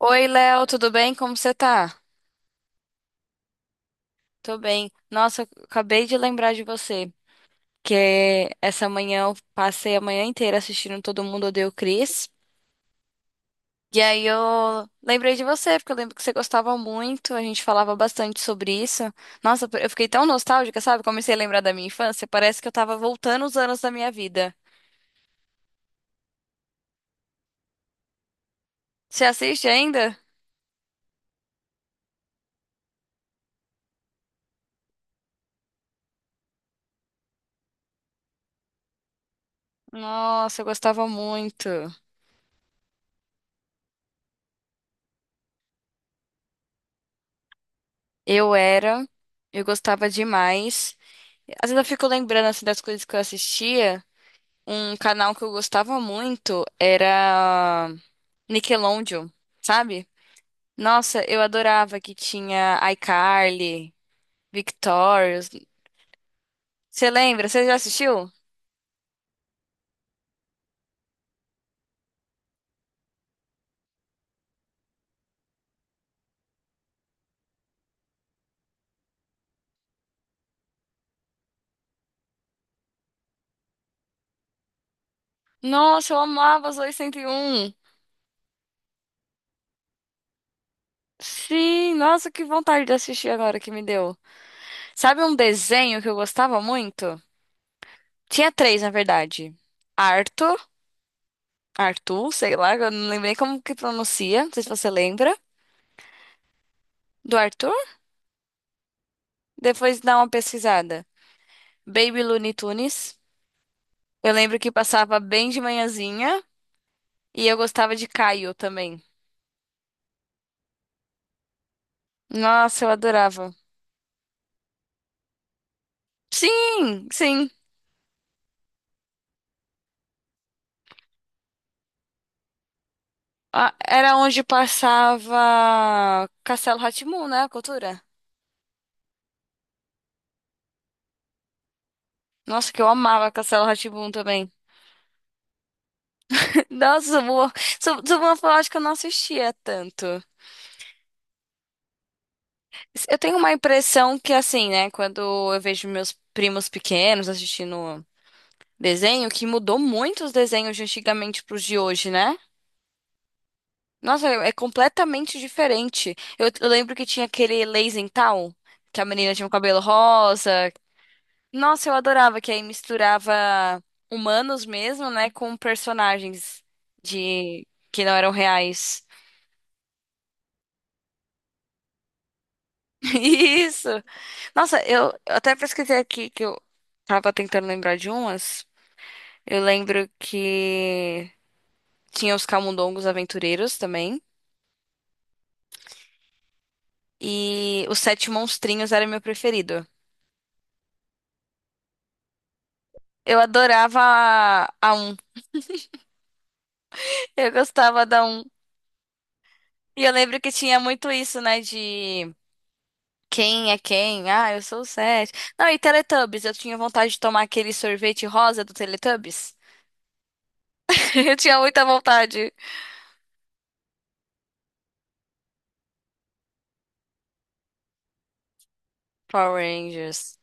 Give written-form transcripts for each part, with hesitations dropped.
Oi, Léo, tudo bem? Como você tá? Tô bem. Nossa, eu acabei de lembrar de você, que essa manhã eu passei a manhã inteira assistindo Todo Mundo Odeia o Chris. E aí eu lembrei de você, porque eu lembro que você gostava muito, a gente falava bastante sobre isso. Nossa, eu fiquei tão nostálgica, sabe? Comecei a lembrar da minha infância, parece que eu tava voltando os anos da minha vida. Você assiste ainda? Nossa, eu gostava muito. Eu era, eu gostava demais. Às vezes eu fico lembrando assim das coisas que eu assistia. Um canal que eu gostava muito era Nickelodeon, sabe? Nossa, eu adorava que tinha iCarly, Victorious. Você lembra? Você já assistiu? Nossa, eu amava os 801. Sim, nossa, que vontade de assistir agora que me deu. Sabe um desenho que eu gostava muito? Tinha três, na verdade. Arthur, Arthur, sei lá, eu não lembrei como que pronuncia, não sei se você lembra. Do Arthur? Depois dá uma pesquisada. Baby Looney Tunes. Eu lembro que passava bem de manhãzinha e eu gostava de Caio também. Nossa, eu adorava. Sim, sim. Ah, era onde passava Castelo rá, né? A cultura. Nossa, que eu amava Castelo rá também. Nossa, Suburbão, eu acho que eu não assistia tanto. Eu tenho uma impressão que, assim, né? Quando eu vejo meus primos pequenos assistindo desenho, que mudou muito os desenhos de antigamente pros de hoje, né? Nossa, é é completamente diferente. Eu lembro que tinha aquele Lazy Town, que a menina tinha o cabelo rosa. Nossa, eu adorava, que aí misturava humanos mesmo, né, com personagens de que não eram reais. Isso! Nossa, eu até pesquisei aqui que eu tava tentando lembrar de umas. Eu lembro que tinha os Camundongos Aventureiros também. E os Sete Monstrinhos era meu preferido. Eu adorava a 1. Eu gostava da um. E eu lembro que tinha muito isso, né? De quem é quem? Ah, eu sou o Seth. Não, e Teletubbies. Eu tinha vontade de tomar aquele sorvete rosa do Teletubbies. Eu tinha muita vontade. Power Rangers.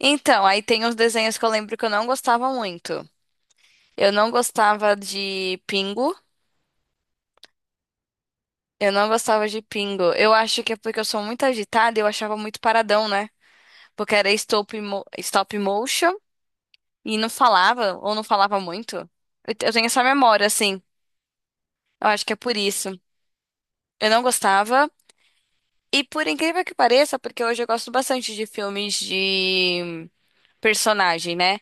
Então, aí tem uns desenhos que eu lembro que eu não gostava muito. Eu não gostava de Pingo. Eu não gostava de Pingo. Eu acho que é porque eu sou muito agitada e eu achava muito paradão, né? Porque era stop motion. E não falava, ou não falava muito. Eu tenho essa memória, assim. Eu acho que é por isso. Eu não gostava. E por incrível que pareça, porque hoje eu gosto bastante de filmes de personagem, né?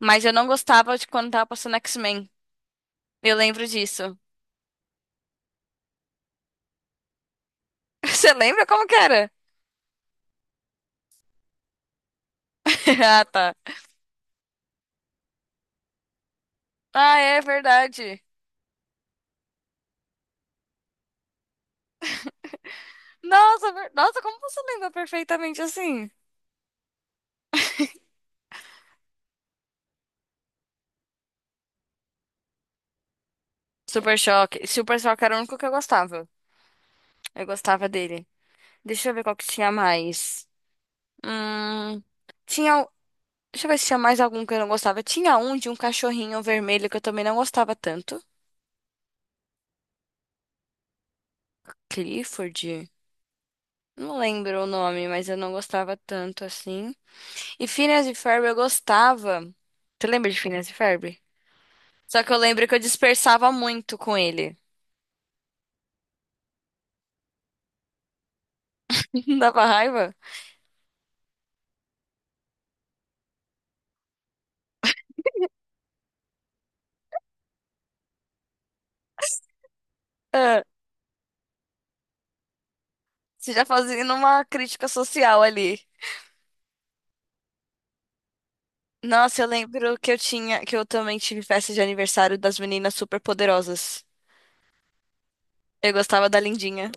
Mas eu não gostava de quando tava passando X-Men. Eu lembro disso. Você lembra como que era? Ah, tá. Ah, é verdade. Nossa, nossa, como você lembra perfeitamente assim? Super Choque. Super Choque era o único que eu gostava. Eu gostava dele. Deixa eu ver qual que tinha mais. Hum, tinha. Deixa eu ver se tinha mais algum que eu não gostava. Tinha um de um cachorrinho vermelho que eu também não gostava tanto. Clifford. Não lembro o nome, mas eu não gostava tanto assim. E Phineas e Ferb eu gostava. Tu lembra de Phineas e Ferb? Só que eu lembro que eu dispersava muito com ele. Dava raiva? Ah, você já fazia uma crítica social ali. Nossa, eu lembro que eu tinha, que eu também tive festa de aniversário das meninas super poderosas. Eu gostava da Lindinha.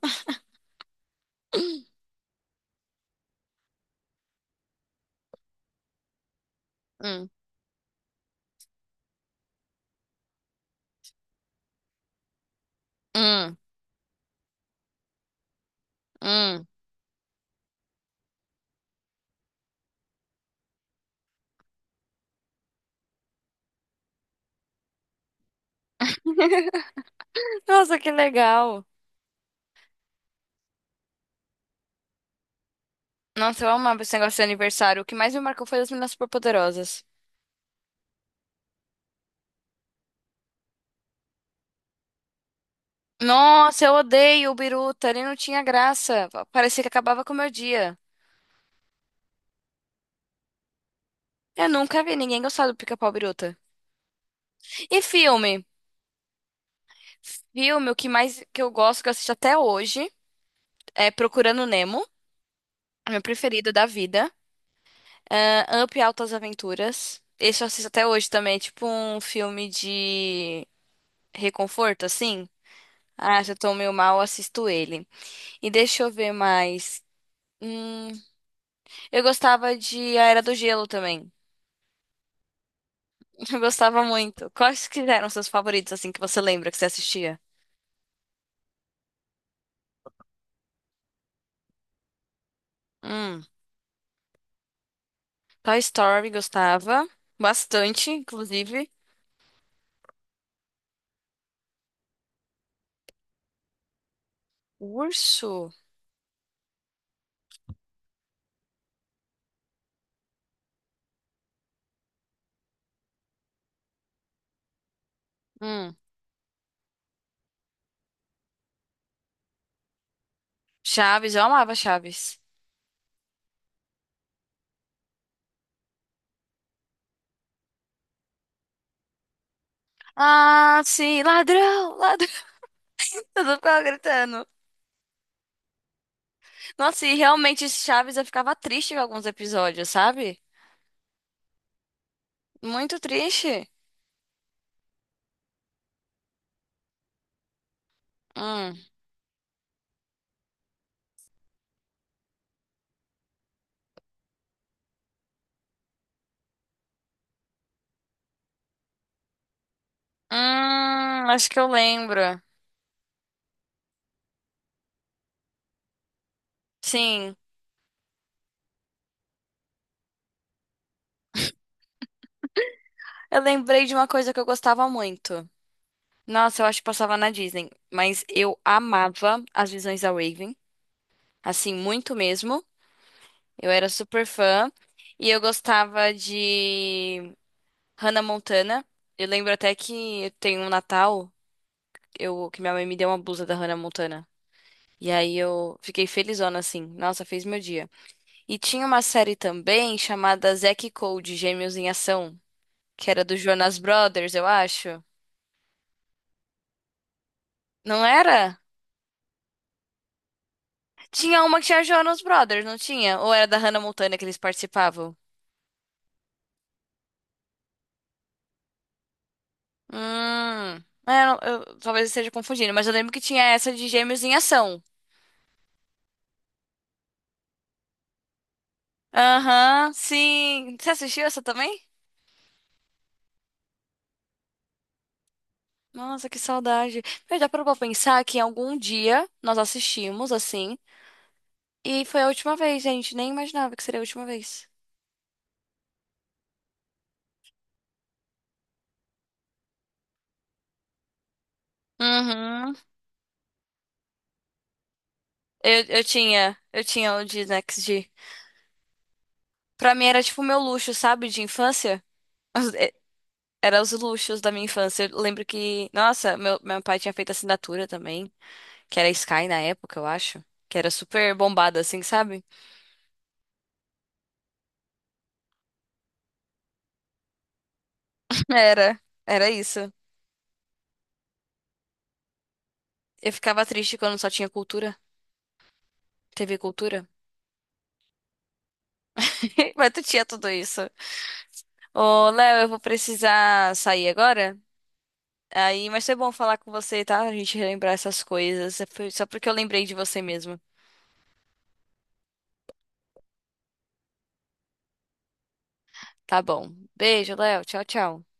Hum. Hum. Hum. Nossa, que legal. Nossa, eu amava esse negócio de aniversário. O que mais me marcou foi as meninas superpoderosas. Nossa, eu odeio o Biruta. Ele não tinha graça. Parecia que acabava com o meu dia. Eu nunca vi ninguém gostar do Pica-Pau Biruta. E filme? Filme, o que mais que eu gosto, que eu assisto até hoje, é Procurando Nemo, é meu preferido da vida. Ah, Up e Altas Aventuras. Esse eu assisto até hoje também. É tipo um filme de reconforto, assim. Ah, se eu tô meio mal, assisto ele. E deixa eu ver mais. Hum, eu gostava de A Era do Gelo também. Eu gostava muito. Quais que eram seus favoritos, assim, que você lembra que você assistia? Hum, Toy Story gostava bastante, inclusive. Urso. Hum, Chaves, eu amava Chaves. Ah, sim, ladrão, ladrão. Eu ficava gritando. Nossa, e realmente Chaves eu ficava triste com alguns episódios, sabe? Muito triste. Hum, acho que eu lembro. Sim. Eu lembrei de uma coisa que eu gostava muito. Nossa, eu acho que passava na Disney, mas eu amava as visões da Raven, assim, muito mesmo. Eu era super fã e eu gostava de Hannah Montana. Eu lembro até que tem um Natal, eu que minha mãe me deu uma blusa da Hannah Montana. E aí eu fiquei felizona assim. Nossa, fez meu dia. E tinha uma série também chamada Zack e Cody, Gêmeos em Ação, que era do Jonas Brothers, eu acho. Não era? Tinha uma que tinha Jonas Brothers, não tinha? Ou era da Hannah Montana que eles participavam? Hum. É, eu, talvez eu esteja confundindo, mas eu lembro que tinha essa de Gêmeos em Ação. Aham, sim. Você assistiu essa também? Nossa, que saudade. Mas dá pra pensar que em algum dia nós assistimos assim. E foi a última vez, gente. Nem imaginava que seria a última vez. Uhum. Eu tinha o de Next G. Pra mim era tipo o meu luxo, sabe, de infância. Era os luxos da minha infância. Eu lembro que, nossa, meu pai tinha feito assinatura também, que era Sky na época, eu acho. Que era super bombada, assim, sabe? Era, era isso. Eu ficava triste quando só tinha cultura, TV Cultura. Mas tu tinha tudo isso. Ô, Léo, eu vou precisar sair agora. Aí, mas foi bom falar com você, tá? A gente relembrar essas coisas. Foi só porque eu lembrei de você mesmo. Tá bom. Beijo, Léo. Tchau, tchau.